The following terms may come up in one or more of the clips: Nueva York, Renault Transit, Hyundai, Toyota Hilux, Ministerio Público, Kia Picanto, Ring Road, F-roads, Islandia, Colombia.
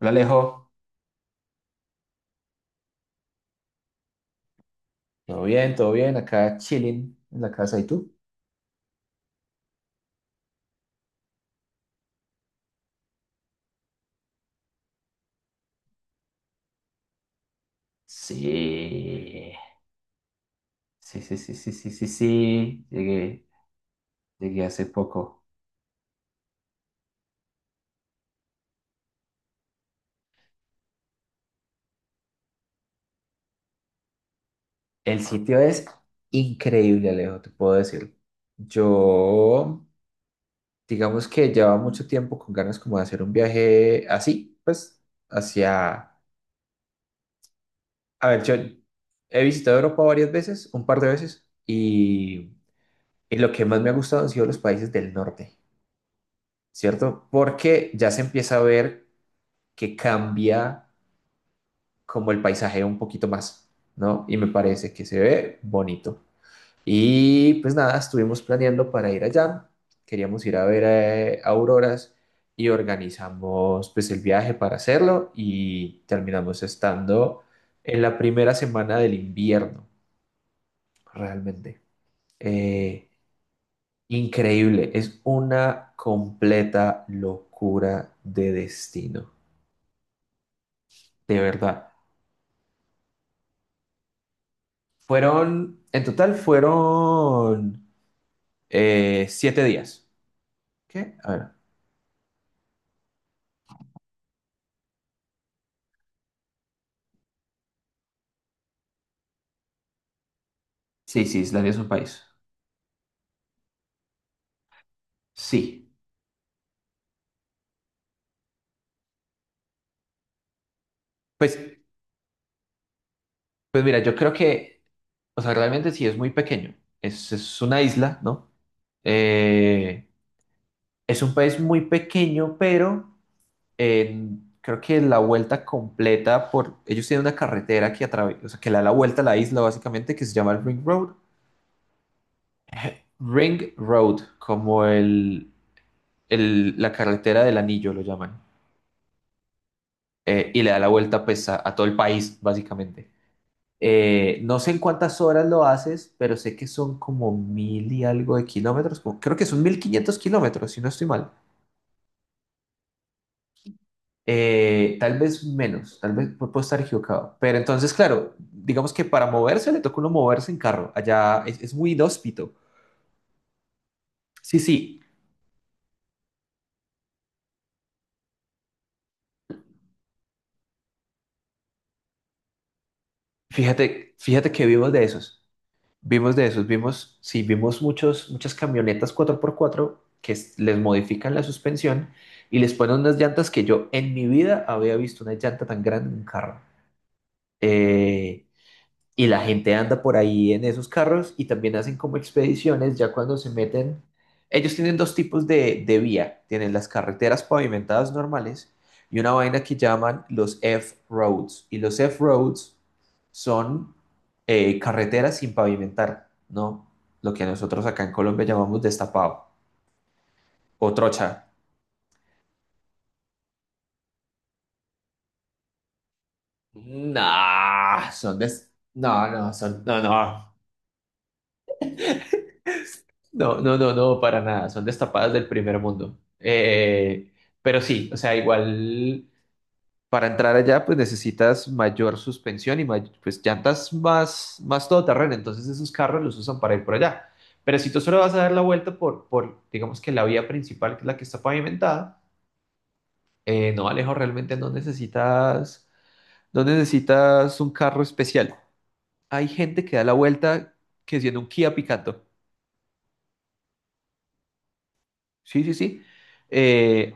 Hola, Alejo. Todo bien, acá chilling en la casa. ¿Y tú? Sí, sí, sí, sí, sí, sí, sí, sí, llegué hace poco. El sitio es increíble, Alejo, te puedo decir. Yo, digamos que llevaba mucho tiempo con ganas como de hacer un viaje así, pues, hacia... A ver, yo he visitado Europa varias veces, un par de veces, y lo que más me ha gustado han sido los países del norte, ¿cierto? Porque ya se empieza a ver que cambia como el paisaje un poquito más, ¿no? Y me parece que se ve bonito. Y pues nada, estuvimos planeando para ir allá, queríamos ir a ver auroras y organizamos pues el viaje para hacerlo y terminamos estando en la primera semana del invierno, realmente. Eh, Increíble, es una completa locura de destino, de verdad. En total fueron 7 días. ¿Qué? A ver. Sí, sí, Islandia es un país. Sí. Pues, pues mira, yo creo que, o sea, realmente sí es muy pequeño. Es una isla, ¿no? Eh, es un país muy pequeño, pero creo que la vuelta completa por... Ellos tienen una carretera que atraviesa, o sea, que le da la vuelta a la isla básicamente, que se llama el Ring Road. Ring Road, como la carretera del anillo lo llaman. Y le da la vuelta pues a todo el país, básicamente. No sé en cuántas horas lo haces, pero sé que son como mil y algo de kilómetros, creo que son 1.500 kilómetros, si no estoy mal. Tal vez menos, tal vez puedo estar equivocado. Pero entonces, claro, digamos que para moverse le toca uno moverse en carro. Allá es muy inhóspito. Sí, sí, fíjate, fíjate que vivimos de esos. Vimos de esos, vimos, sí, vimos muchas camionetas 4x4 que les modifican la suspensión y les ponen unas llantas que yo en mi vida había visto una llanta tan grande en un carro. Eh, y la gente anda por ahí en esos carros y también hacen como expediciones ya cuando se meten. Ellos tienen dos tipos de vía. Tienen las carreteras pavimentadas normales y una vaina que llaman los F-roads. Y los F-roads son carreteras sin pavimentar, ¿no? Lo que nosotros acá en Colombia llamamos destapado o trocha. No, No, no, No, no. No, no, no, no, para nada. Son destapadas del primer mundo. Pero sí, o sea, igual para entrar allá, pues necesitas mayor suspensión y pues llantas más todoterreno. Entonces esos carros los usan para ir por allá. Pero si tú solo vas a dar la vuelta por digamos que la vía principal, que es la que está pavimentada, no, Alejo, realmente no necesitas un carro especial. Hay gente que da la vuelta que siendo un Kia Picanto. Sí, sí, sí. Eh,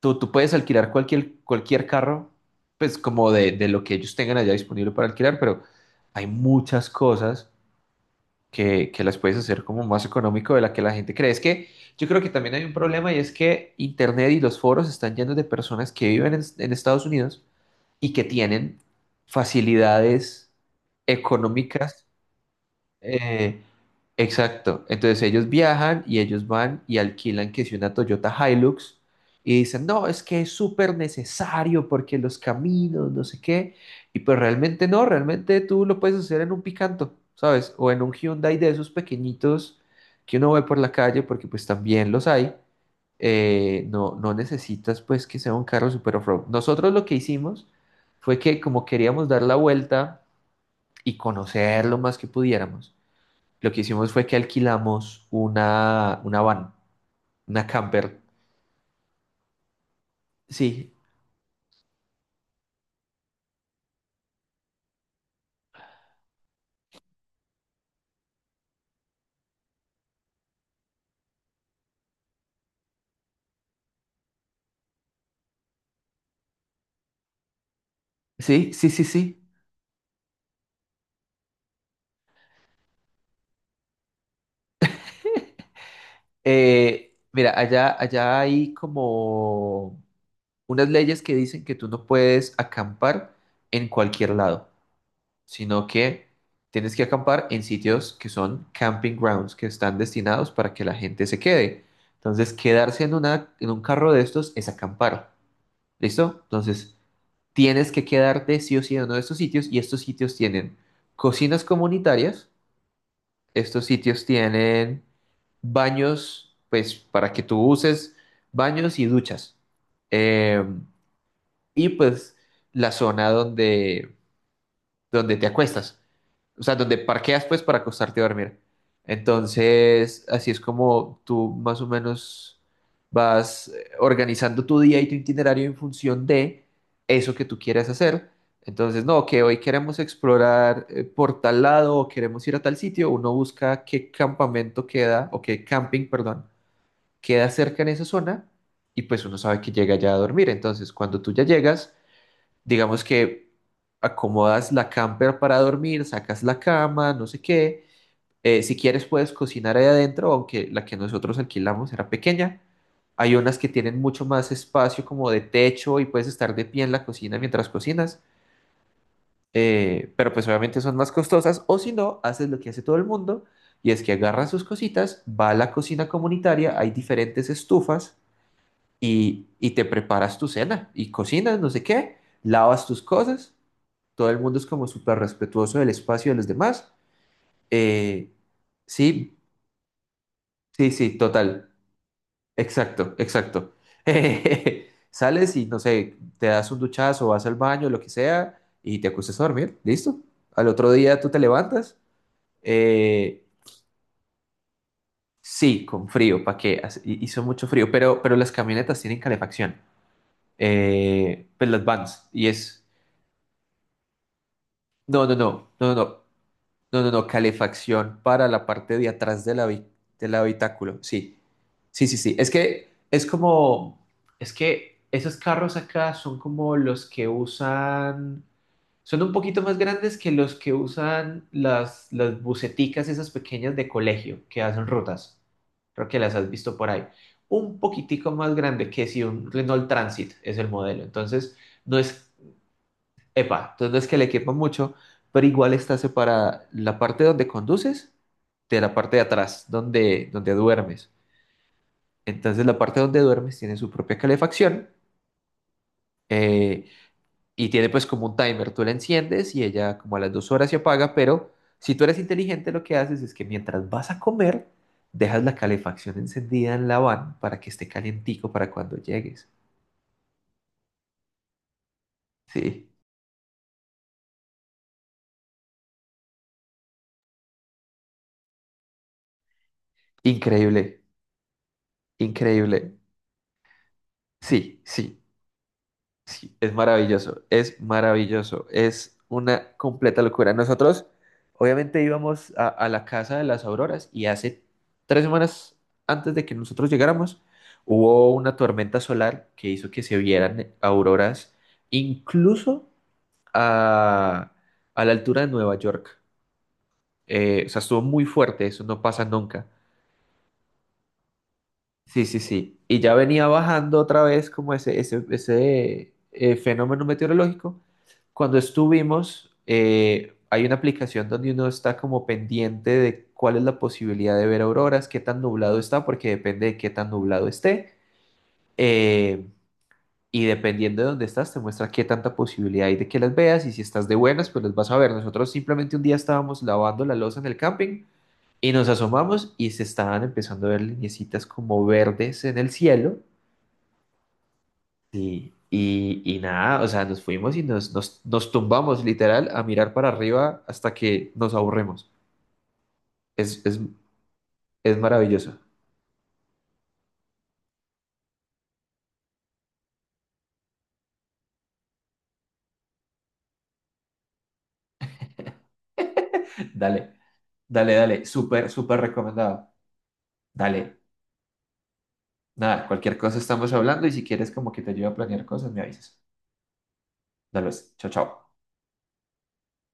tú puedes alquilar cualquier carro, pues como de lo que ellos tengan allá disponible para alquilar, pero hay muchas cosas que las puedes hacer como más económico de la que la gente cree. Es que yo creo que también hay un problema y es que Internet y los foros están llenos de personas que viven en Estados Unidos y que tienen facilidades económicas eh, exacto. Entonces ellos viajan y ellos van y alquilan que si una Toyota Hilux y dicen, no, es que es súper necesario porque los caminos, no sé qué. Y pues realmente no, realmente tú lo puedes hacer en un Picanto, ¿sabes? O en un Hyundai de esos pequeñitos que uno ve por la calle porque pues también los hay. No, no necesitas pues que sea un carro super off-road. Nosotros lo que hicimos fue que como queríamos dar la vuelta y conocer lo más que pudiéramos, lo que hicimos fue que alquilamos una van, una camper. Sí, sí, sí, sí, sí. Mira, allá hay como unas leyes que dicen que tú no puedes acampar en cualquier lado, sino que tienes que acampar en sitios que son camping grounds, que están destinados para que la gente se quede. Entonces, quedarse en un carro de estos es acampar. ¿Listo? Entonces, tienes que quedarte sí o sí en uno de estos sitios y estos sitios tienen cocinas comunitarias, estos sitios tienen baños, pues para que tú uses baños y duchas. Eh, y pues la zona donde te acuestas, o sea, donde parqueas pues para acostarte a dormir. Entonces, así es como tú más o menos vas organizando tu día y tu itinerario en función de eso que tú quieras hacer. Entonces, no, que hoy queremos explorar por tal lado o queremos ir a tal sitio, uno busca qué campamento queda o qué camping, perdón, queda cerca en esa zona y pues uno sabe que llega ya a dormir. Entonces, cuando tú ya llegas digamos que acomodas la camper para dormir, sacas la cama, no sé qué. Si quieres puedes cocinar ahí adentro, aunque la que nosotros alquilamos era pequeña. Hay unas que tienen mucho más espacio como de techo y puedes estar de pie en la cocina mientras cocinas. Pero pues obviamente son más costosas. O si no, haces lo que hace todo el mundo y es que agarra sus cositas, va a la cocina comunitaria, hay diferentes estufas y te preparas tu cena y cocinas, no sé qué, lavas tus cosas. Todo el mundo es como súper respetuoso del espacio de los demás. Eh, sí, sí, sí, total. Exacto, exacto. Sales y no sé, te das un duchazo, vas al baño, lo que sea, y te acuestas a dormir, listo. Al otro día tú te levantas, eh, sí, con frío, ¿para qué? Hizo mucho frío, pero las camionetas tienen calefacción, pues las vans, y es, no, no, no, no, no, no. No, no, no, calefacción para la parte de atrás del habitáculo. Sí, sí, sí, sí. Es que esos carros acá son como los que usan, son un poquito más grandes que los que usan las buseticas esas pequeñas de colegio que hacen rutas. Creo que las has visto por ahí. Un poquitico más grande que si un Renault Transit es el modelo. Entonces, no es Epa, entonces no es que le quepa mucho, pero igual está separada la parte donde conduces de la parte de atrás, donde duermes. Entonces la parte donde duermes tiene su propia calefacción, eh, y tiene pues como un timer. Tú la enciendes y ella como a las 2 horas se apaga, pero si tú eres inteligente lo que haces es que mientras vas a comer, dejas la calefacción encendida en la van para que esté calientico para cuando llegues. Sí, increíble, increíble. Sí, sí, sí, es maravilloso, es maravilloso, es una completa locura. Nosotros, obviamente, íbamos a la casa de las Auroras y hace 3 semanas antes de que nosotros llegáramos, hubo una tormenta solar que hizo que se vieran auroras incluso a, a la altura de Nueva York. O sea, estuvo muy fuerte, eso no pasa nunca. Sí, sí, sí. Y ya venía bajando otra vez como ese fenómeno meteorológico. Cuando estuvimos, hay una aplicación donde uno está como pendiente de cuál es la posibilidad de ver auroras, qué tan nublado está, porque depende de qué tan nublado esté. Eh, y dependiendo de dónde estás, te muestra qué tanta posibilidad hay de que las veas. Y si estás de buenas, pues las vas a ver. Nosotros simplemente un día estábamos lavando la loza en el camping y nos asomamos y se estaban empezando a ver lineecitas como verdes en el cielo. Sí, y nada, o sea, nos fuimos y nos tumbamos literal a mirar para arriba hasta que nos aburremos. Es, es, es maravilloso. Dale, dale, dale, súper, súper recomendado. Dale, nada, cualquier cosa estamos hablando y si quieres como que te ayude a planear cosas, me avisas. Dale, pues, chao, chao.